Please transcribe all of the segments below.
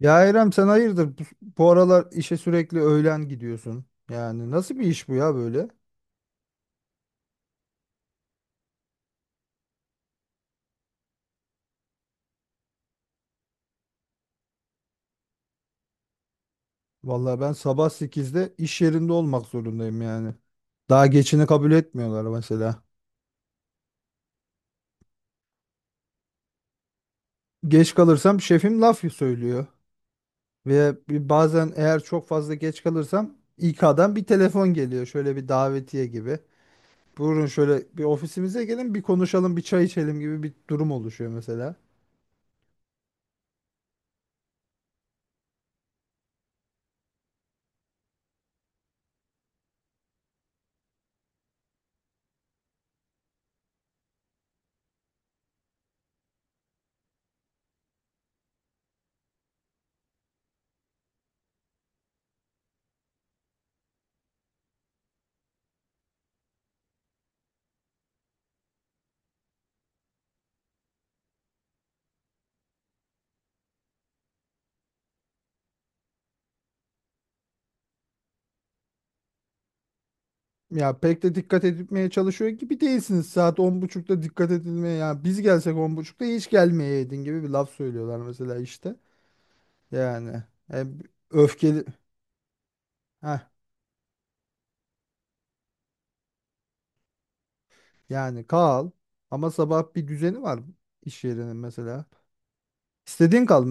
Ya İrem sen hayırdır bu, bu aralar işe sürekli öğlen gidiyorsun. Yani nasıl bir iş bu ya böyle? Vallahi ben sabah sekizde iş yerinde olmak zorundayım yani. Daha geçini kabul etmiyorlar mesela. Geç kalırsam şefim laf söylüyor. Ve bazen eğer çok fazla geç kalırsam İK'dan bir telefon geliyor. Şöyle bir davetiye gibi. Buyurun şöyle bir ofisimize gelin bir konuşalım bir çay içelim gibi bir durum oluşuyor mesela. Ya pek de dikkat edilmeye çalışıyor gibi değilsiniz. Saat on buçukta dikkat edilmeye ya biz gelsek on buçukta hiç gelmeyeydin gibi bir laf söylüyorlar mesela işte. Yani e, öfkeli. Heh, yani kal ama sabah bir düzeni var iş yerinin mesela. İstediğin kal.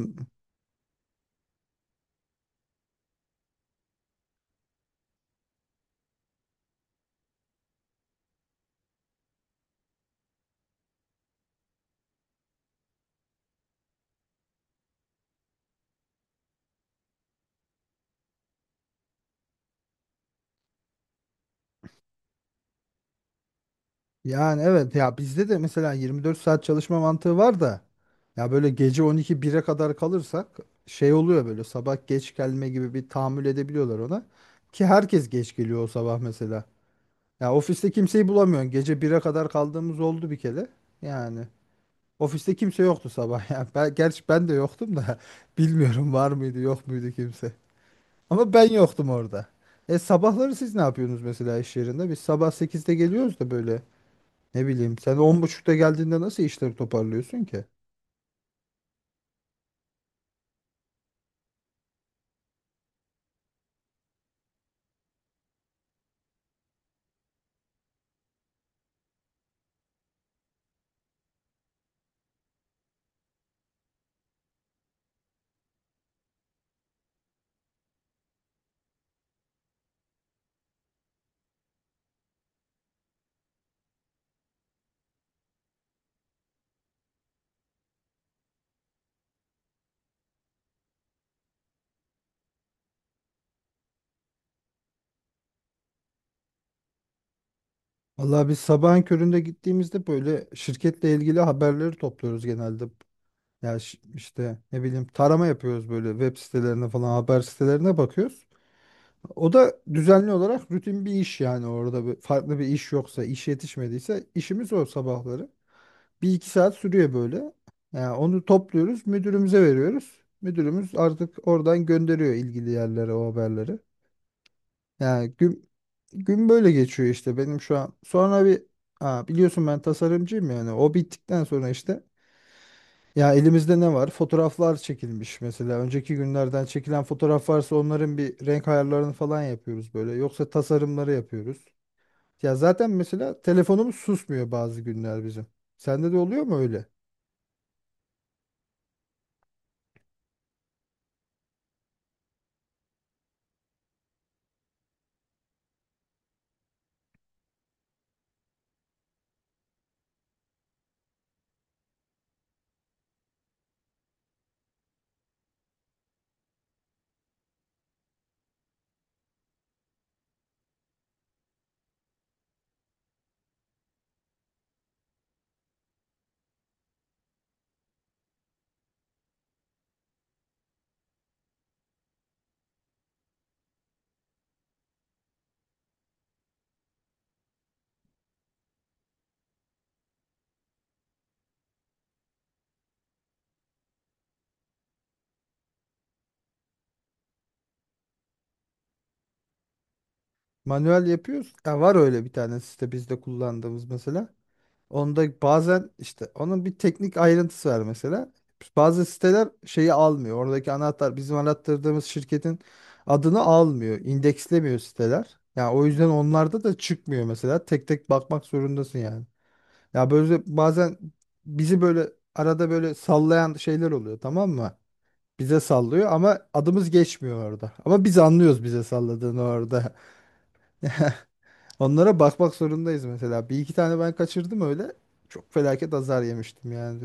Yani evet ya bizde de mesela 24 saat çalışma mantığı var da ya böyle gece 12 1'e kadar kalırsak şey oluyor böyle sabah geç gelme gibi bir tahammül edebiliyorlar ona. Ki herkes geç geliyor o sabah mesela. Ya ofiste kimseyi bulamıyorsun. Gece 1'e kadar kaldığımız oldu bir kere. Yani ofiste kimse yoktu sabah. Yani ben, gerçi ben de yoktum da bilmiyorum var mıydı yok muydu kimse. Ama ben yoktum orada. E sabahları siz ne yapıyorsunuz mesela iş yerinde? Biz sabah 8'de geliyoruz da böyle ne bileyim sen on buçukta geldiğinde nasıl işleri toparlıyorsun ki? Vallahi biz sabahın köründe gittiğimizde böyle şirketle ilgili haberleri topluyoruz genelde. Ya işte ne bileyim tarama yapıyoruz böyle web sitelerine falan haber sitelerine bakıyoruz. O da düzenli olarak rutin bir iş yani orada bir, farklı bir iş yoksa, iş yetişmediyse işimiz o sabahları. Bir iki saat sürüyor böyle. Yani onu topluyoruz, müdürümüze veriyoruz. Müdürümüz artık oradan gönderiyor ilgili yerlere o haberleri. Yani gün böyle geçiyor işte benim şu an. Sonra bir ha, biliyorsun ben tasarımcıyım yani o bittikten sonra işte ya elimizde ne var? Fotoğraflar çekilmiş mesela. Önceki günlerden çekilen fotoğraf varsa onların bir renk ayarlarını falan yapıyoruz böyle. Yoksa tasarımları yapıyoruz. Ya zaten mesela telefonumuz susmuyor bazı günler bizim. Sende de oluyor mu öyle? Manuel yapıyoruz. Ya var öyle bir tane site bizde kullandığımız mesela. Onda bazen işte onun bir teknik ayrıntısı var mesela. Bazı siteler şeyi almıyor. Oradaki anahtar bizim arattırdığımız şirketin adını almıyor. İndekslemiyor siteler. Yani o yüzden onlarda da çıkmıyor mesela. Tek tek bakmak zorundasın yani. Ya böyle bazen bizi böyle arada böyle sallayan şeyler oluyor, tamam mı? Bize sallıyor ama adımız geçmiyor orada. Ama biz anlıyoruz bize salladığını orada. Onlara bakmak zorundayız mesela. Bir iki tane ben kaçırdım öyle. Çok felaket azar yemiştim yani.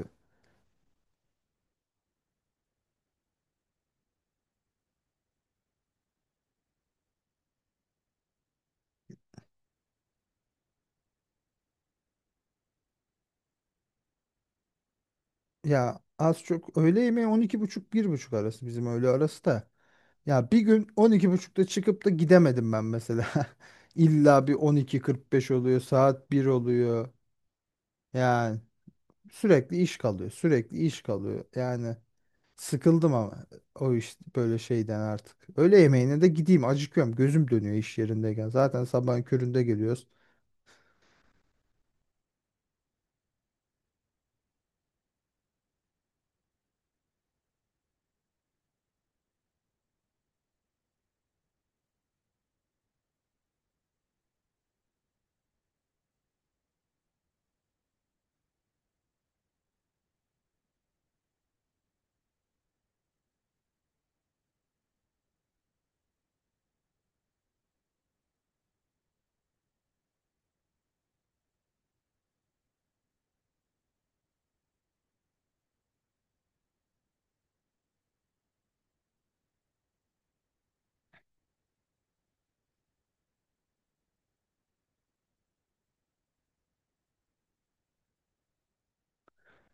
Ya az çok öğle yemeği 12:30 buçuk bir buçuk arası bizim öğle arası da. Ya bir gün 12:30'da çıkıp da gidemedim ben mesela. İlla bir 12:45 oluyor, saat bir oluyor. Yani sürekli iş kalıyor, sürekli iş kalıyor. Yani sıkıldım ama o iş böyle şeyden artık. Öğle yemeğine de gideyim acıkıyorum. Gözüm dönüyor iş yerindeyken. Zaten sabahın köründe geliyoruz.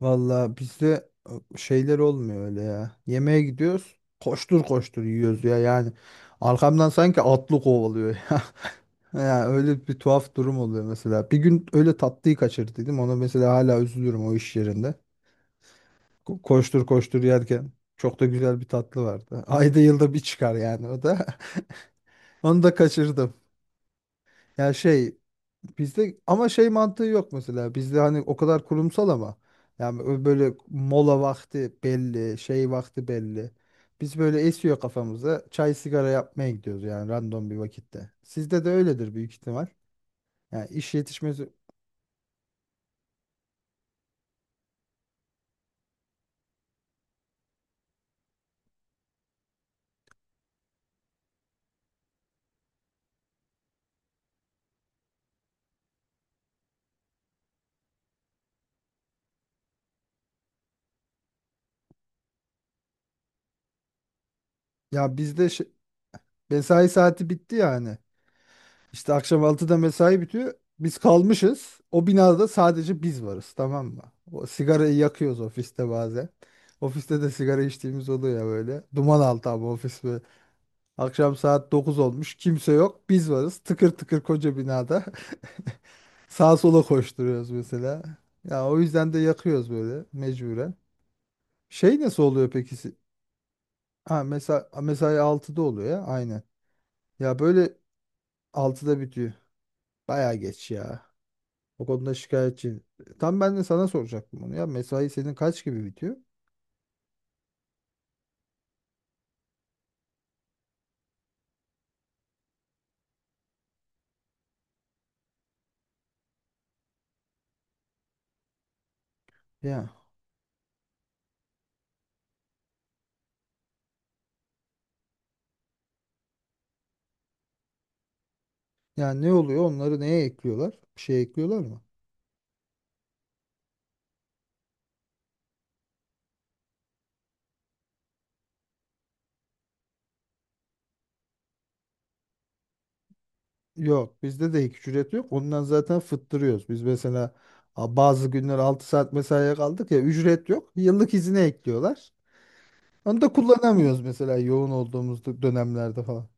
Valla bizde şeyler olmuyor öyle ya. Yemeğe gidiyoruz. Koştur koştur yiyoruz ya yani. Arkamdan sanki atlı kovalıyor ya. Ya öyle bir tuhaf durum oluyor mesela. Bir gün öyle tatlıyı kaçırdıydım. Ona mesela hala üzülürüm o iş yerinde. Koştur koştur yerken çok da güzel bir tatlı vardı. Ayda yılda bir çıkar yani o da. Onu da kaçırdım. Ya bizde ama şey mantığı yok mesela. Bizde hani o kadar kurumsal ama yani böyle mola vakti belli, şey vakti belli. Biz böyle esiyor kafamıza. Çay sigara yapmaya gidiyoruz yani random bir vakitte. Sizde de öyledir büyük ihtimal. Yani iş yetişmesi ya bizde mesai saati bitti yani. İşte akşam altıda mesai bitiyor. Biz kalmışız. O binada sadece biz varız, tamam mı? O sigarayı yakıyoruz ofiste bazen. Ofiste de sigara içtiğimiz oluyor ya böyle. Duman altı abi ofis. Akşam saat 9 olmuş. Kimse yok. Biz varız. Tıkır tıkır koca binada. Sağa sola koşturuyoruz mesela. Ya o yüzden de yakıyoruz böyle mecburen. Şey nasıl oluyor peki? Ha mesela mesai altıda oluyor ya aynen. Ya böyle altıda bitiyor. Baya geç ya. O konuda şikayetçiyim. Tam ben de sana soracaktım bunu ya. Mesai senin kaç gibi bitiyor? Ya. Yani ne oluyor? Onları neye ekliyorlar? Bir şey ekliyorlar mı? Yok, bizde de ek ücret yok. Ondan zaten fıttırıyoruz. Biz mesela bazı günler 6 saat mesaiye kaldık ya, ücret yok. Yıllık izine ekliyorlar. Onu da kullanamıyoruz mesela yoğun olduğumuz dönemlerde falan.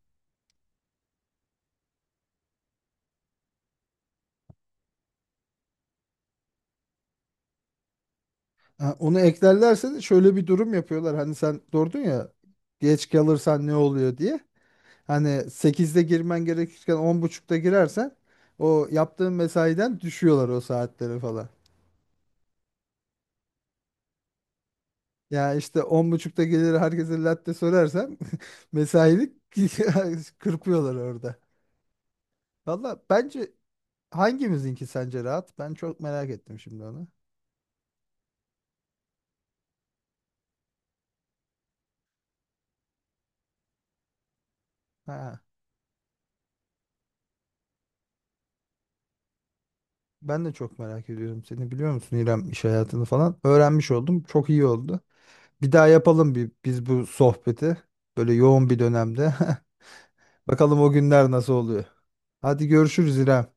Ha, onu eklerlerse de şöyle bir durum yapıyorlar. Hani sen sordun ya geç kalırsan ne oluyor diye. Hani sekizde girmen gerekirken on buçukta girersen o yaptığın mesaiden düşüyorlar o saatleri falan. Ya işte on buçukta gelir herkese latte söylersem mesailik kırpıyorlar orada. Valla bence hangimizinki sence rahat? Ben çok merak ettim şimdi onu. Ha, ben de çok merak ediyorum seni, biliyor musun İrem, iş hayatını falan. Öğrenmiş oldum. Çok iyi oldu. Bir daha yapalım bir, biz bu sohbeti. Böyle yoğun bir dönemde. Bakalım o günler nasıl oluyor. Hadi görüşürüz İrem.